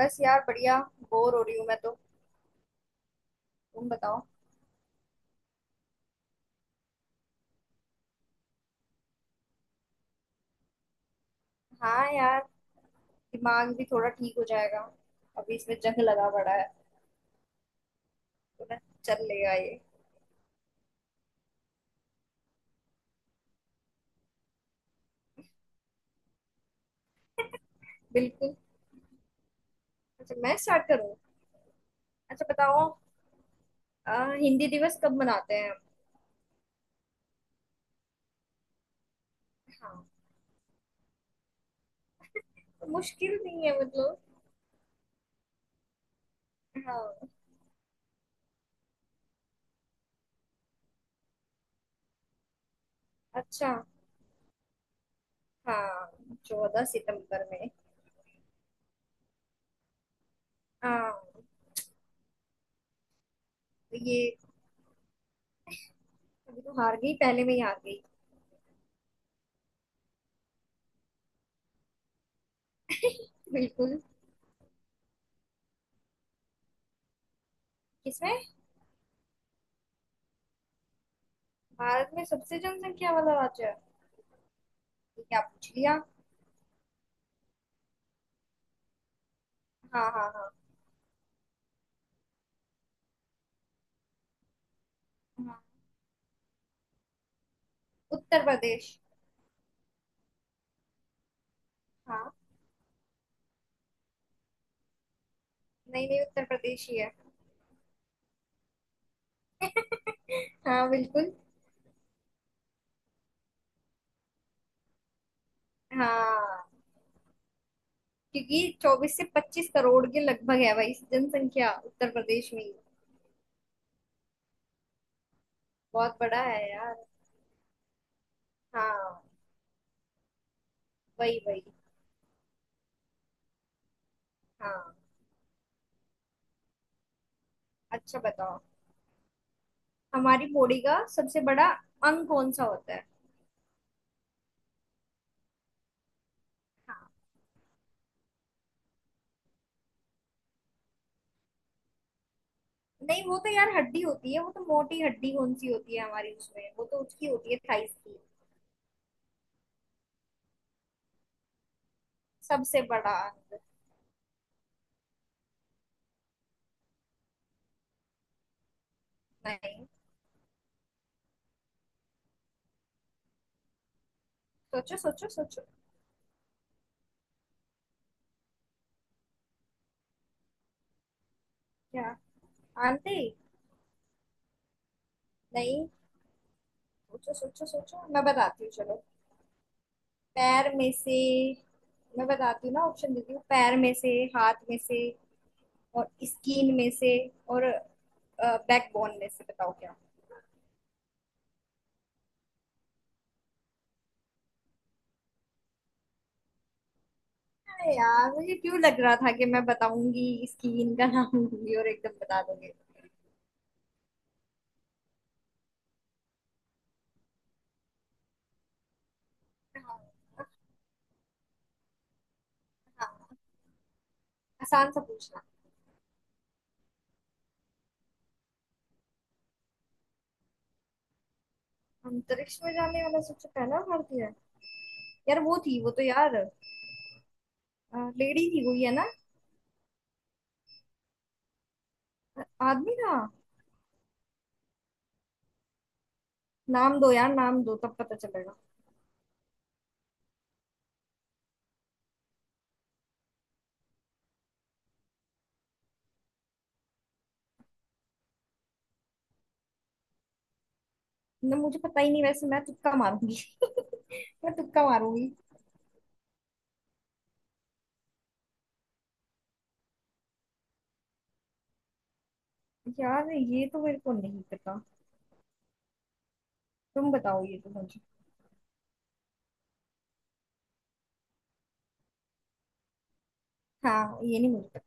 बस यार बढ़िया। बोर हो रही हूँ मैं तो। तुम बताओ। हाँ यार, दिमाग भी थोड़ा ठीक हो जाएगा। अभी इसमें जंग लगा पड़ा है। तो ना, चल लेगा ये। बिल्कुल। अच्छा, मैं स्टार्ट करूँ? अच्छा बताओ, अ, हिंदी दिवस कब मनाते हैं? हाँ। तो मुश्किल नहीं है, मतलब। हाँ। अच्छा। हाँ। चौदह सितंबर में। हाँ। तो ये, अभी तो हार गई, पहले में ही हार गई। बिल्कुल। किसमें? भारत में सबसे जनसंख्या वाला राज्य है? ये क्या पूछ लिया। हाँ हाँ हाँ। हाँ। उत्तर प्रदेश। हाँ। नहीं नहीं, उत्तर प्रदेश ही है। हाँ बिल्कुल। हाँ। क्योंकि चौबीस से पच्चीस करोड़ के लगभग है भाई जनसंख्या उत्तर प्रदेश में ही। बहुत बड़ा है यार। हाँ। वही वही। हाँ। अच्छा बताओ, हमारी बॉडी का सबसे बड़ा अंग कौन सा होता है? हाँ। नहीं, वो तो यार हड्डी होती है, वो तो मोटी हड्डी कौन सी होती है हमारी, उसमें वो तो उसकी होती है थाइस की। सबसे बड़ा अंग। नहीं। सोचो सोचो सोचो। क्या? आंटी? नहीं। सोचो सोचो सोचो, मैं बताती हूँ चलो। पैर में से। मैं बताती हूँ ना, ऑप्शन देती हूँ। पैर में से, हाथ में से, और स्किन में से, और बैकबोन में से, बताओ क्या। अरे यार, मुझे क्यों लग रहा था कि मैं बताऊंगी, स्किन का नाम लूंगी और एकदम बता दोगे। हाँ। हाँ, आसान सा पूछना। अंतरिक्ष में जाने वाला सबसे पहला भारतीय है? यार वो थी, वो तो यार लेडी थी, वो ही है ना? आदमी था? नाम दो यार, नाम दो तब पता चलेगा। ना, मुझे पता ही नहीं, वैसे मैं तुक्का मारूंगी। मैं तुक्का मारूंगी। यार ये तो मेरे को नहीं पता, तुम बताओ, ये तो मुझे। हाँ, ये नहीं मुझे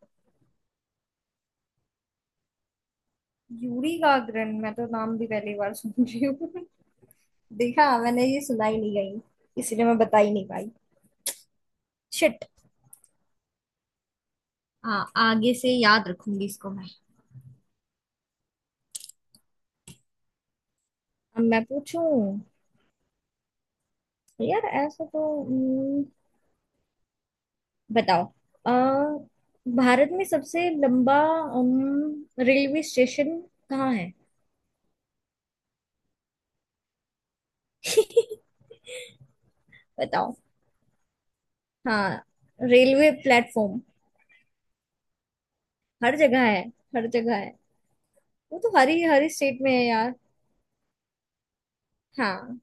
पता। यूरी गागरन, मैं तो नाम भी पहली बार सुन रही हूँ। देखा, मैंने ये सुना ही नहीं, गई इसलिए मैं बता ही नहीं पाई। शिट। हाँ, आगे से याद रखूंगी इसको मैं। अब मैं पूछूं? यार ऐसा तो बताओ। अ, भारत में सबसे लंबा रेलवे स्टेशन कहाँ है? बताओ। हाँ। रेलवे प्लेटफॉर्म हर जगह है, हर जगह है। वो तो हर ही स्टेट में है यार। हाँ।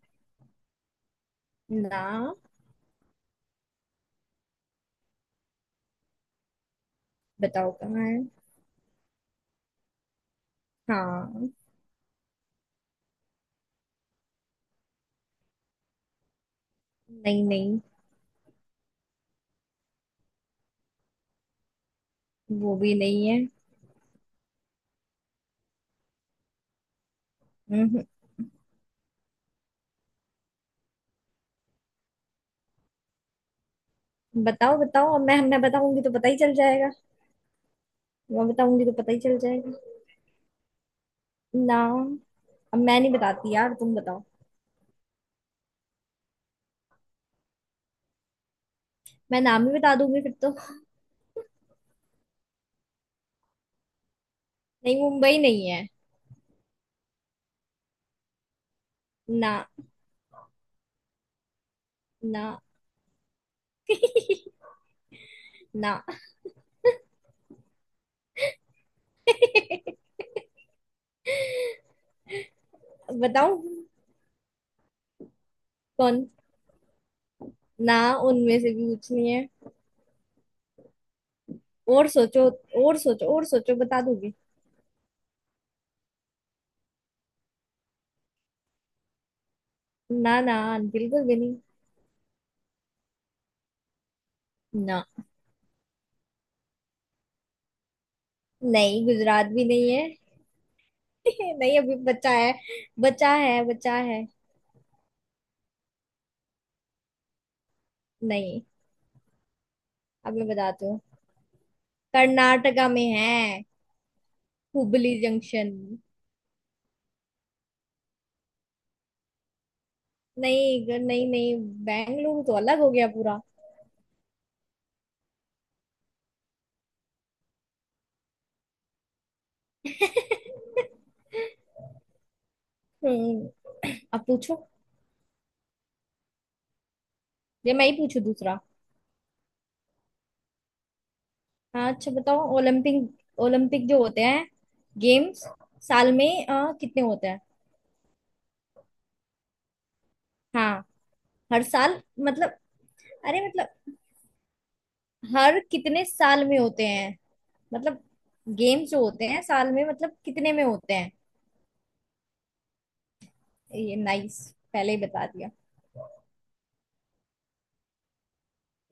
ना। बताओ कहाँ है। हाँ। नहीं नहीं। वो भी नहीं है। हम्म। बताओ बताओ, अब मैं बताऊंगी तो पता ही चल जाएगा। मैं बताऊंगी तो पता ही चल जाएगा। ना। अब मैं नहीं बताती यार, तुम बताओ। मैं नाम ही बता दूंगी फिर तो। नहीं, मुंबई नहीं है। ना। ना। ना। बताओ। कौन? ना, उनमें से भी कुछ नहीं। और सोचो, और सोचो और सोचो, बता दूंगी। ना ना, बिल्कुल भी नहीं। ना। नहीं, गुजरात भी नहीं है। नहीं, अभी बचा है। बचा है बचा है। नहीं। अब मैं बताती हूँ। कर्नाटका में है, हुबली जंक्शन। नहीं नहीं। बेंगलुरु तो अलग हो गया पूरा। हम्म अब पूछो। ये मैं ही पूछू दूसरा। हाँ, अच्छा बताओ। ओलंपिक, ओलंपिक जो होते हैं गेम्स, साल में कितने होते हैं? हाँ। हर साल मतलब? अरे मतलब, हर कितने साल में होते हैं, मतलब गेम्स जो होते हैं साल में, मतलब कितने में होते हैं? ये नाइस, पहले ही बता दिया।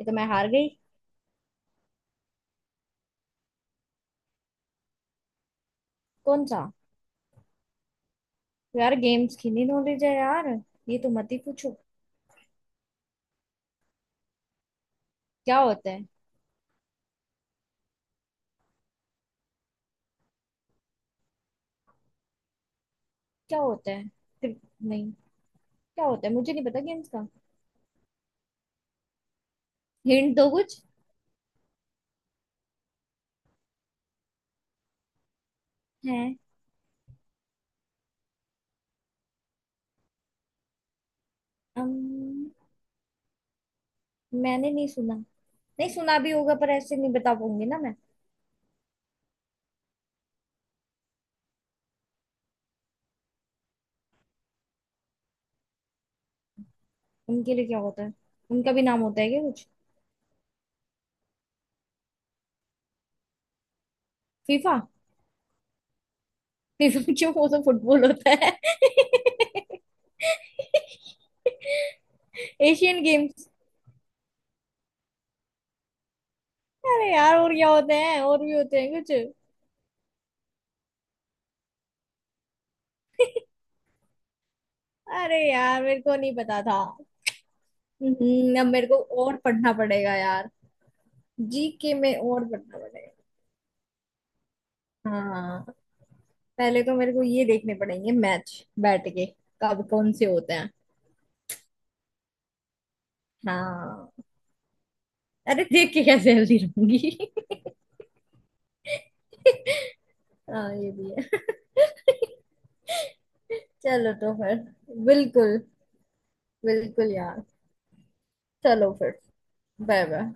ये तो मैं हार गई। कौन सा? यार गेम्स की नहीं नॉलेज है यार। ये तो मत ही पूछो। क्या होता है? क्या होता है? फिर- नहीं, क्या होता है, मुझे नहीं पता गेम्स का। हिंट दो कुछ। है। अम, मैंने नहीं सुना। नहीं, सुना भी होगा पर ऐसे नहीं बता पाऊंगी ना मैं। उनके लिए क्या होता है? उनका भी नाम होता है क्या कुछ? फीफा? निजाम क्यों, वो तो फुटबॉल होता है। Asian games? अरे यार, और क्या होते हैं, और भी होते हैं कुछ? अरे यार, मेरे को नहीं पता था। अब मेरे को और पढ़ना पड़ेगा यार। जीके में और पढ़ना पड़ेगा। हाँ, पहले तो मेरे को ये देखने पड़ेंगे मैच, बैठ के, कब कौन से होते हैं। हाँ। अरे, देख के कैसे हेल्दी रहूंगी। हाँ ये भी है। चलो तो फिर। बिल्कुल। बिल्कुल यार। चलो फिर। Bye bye.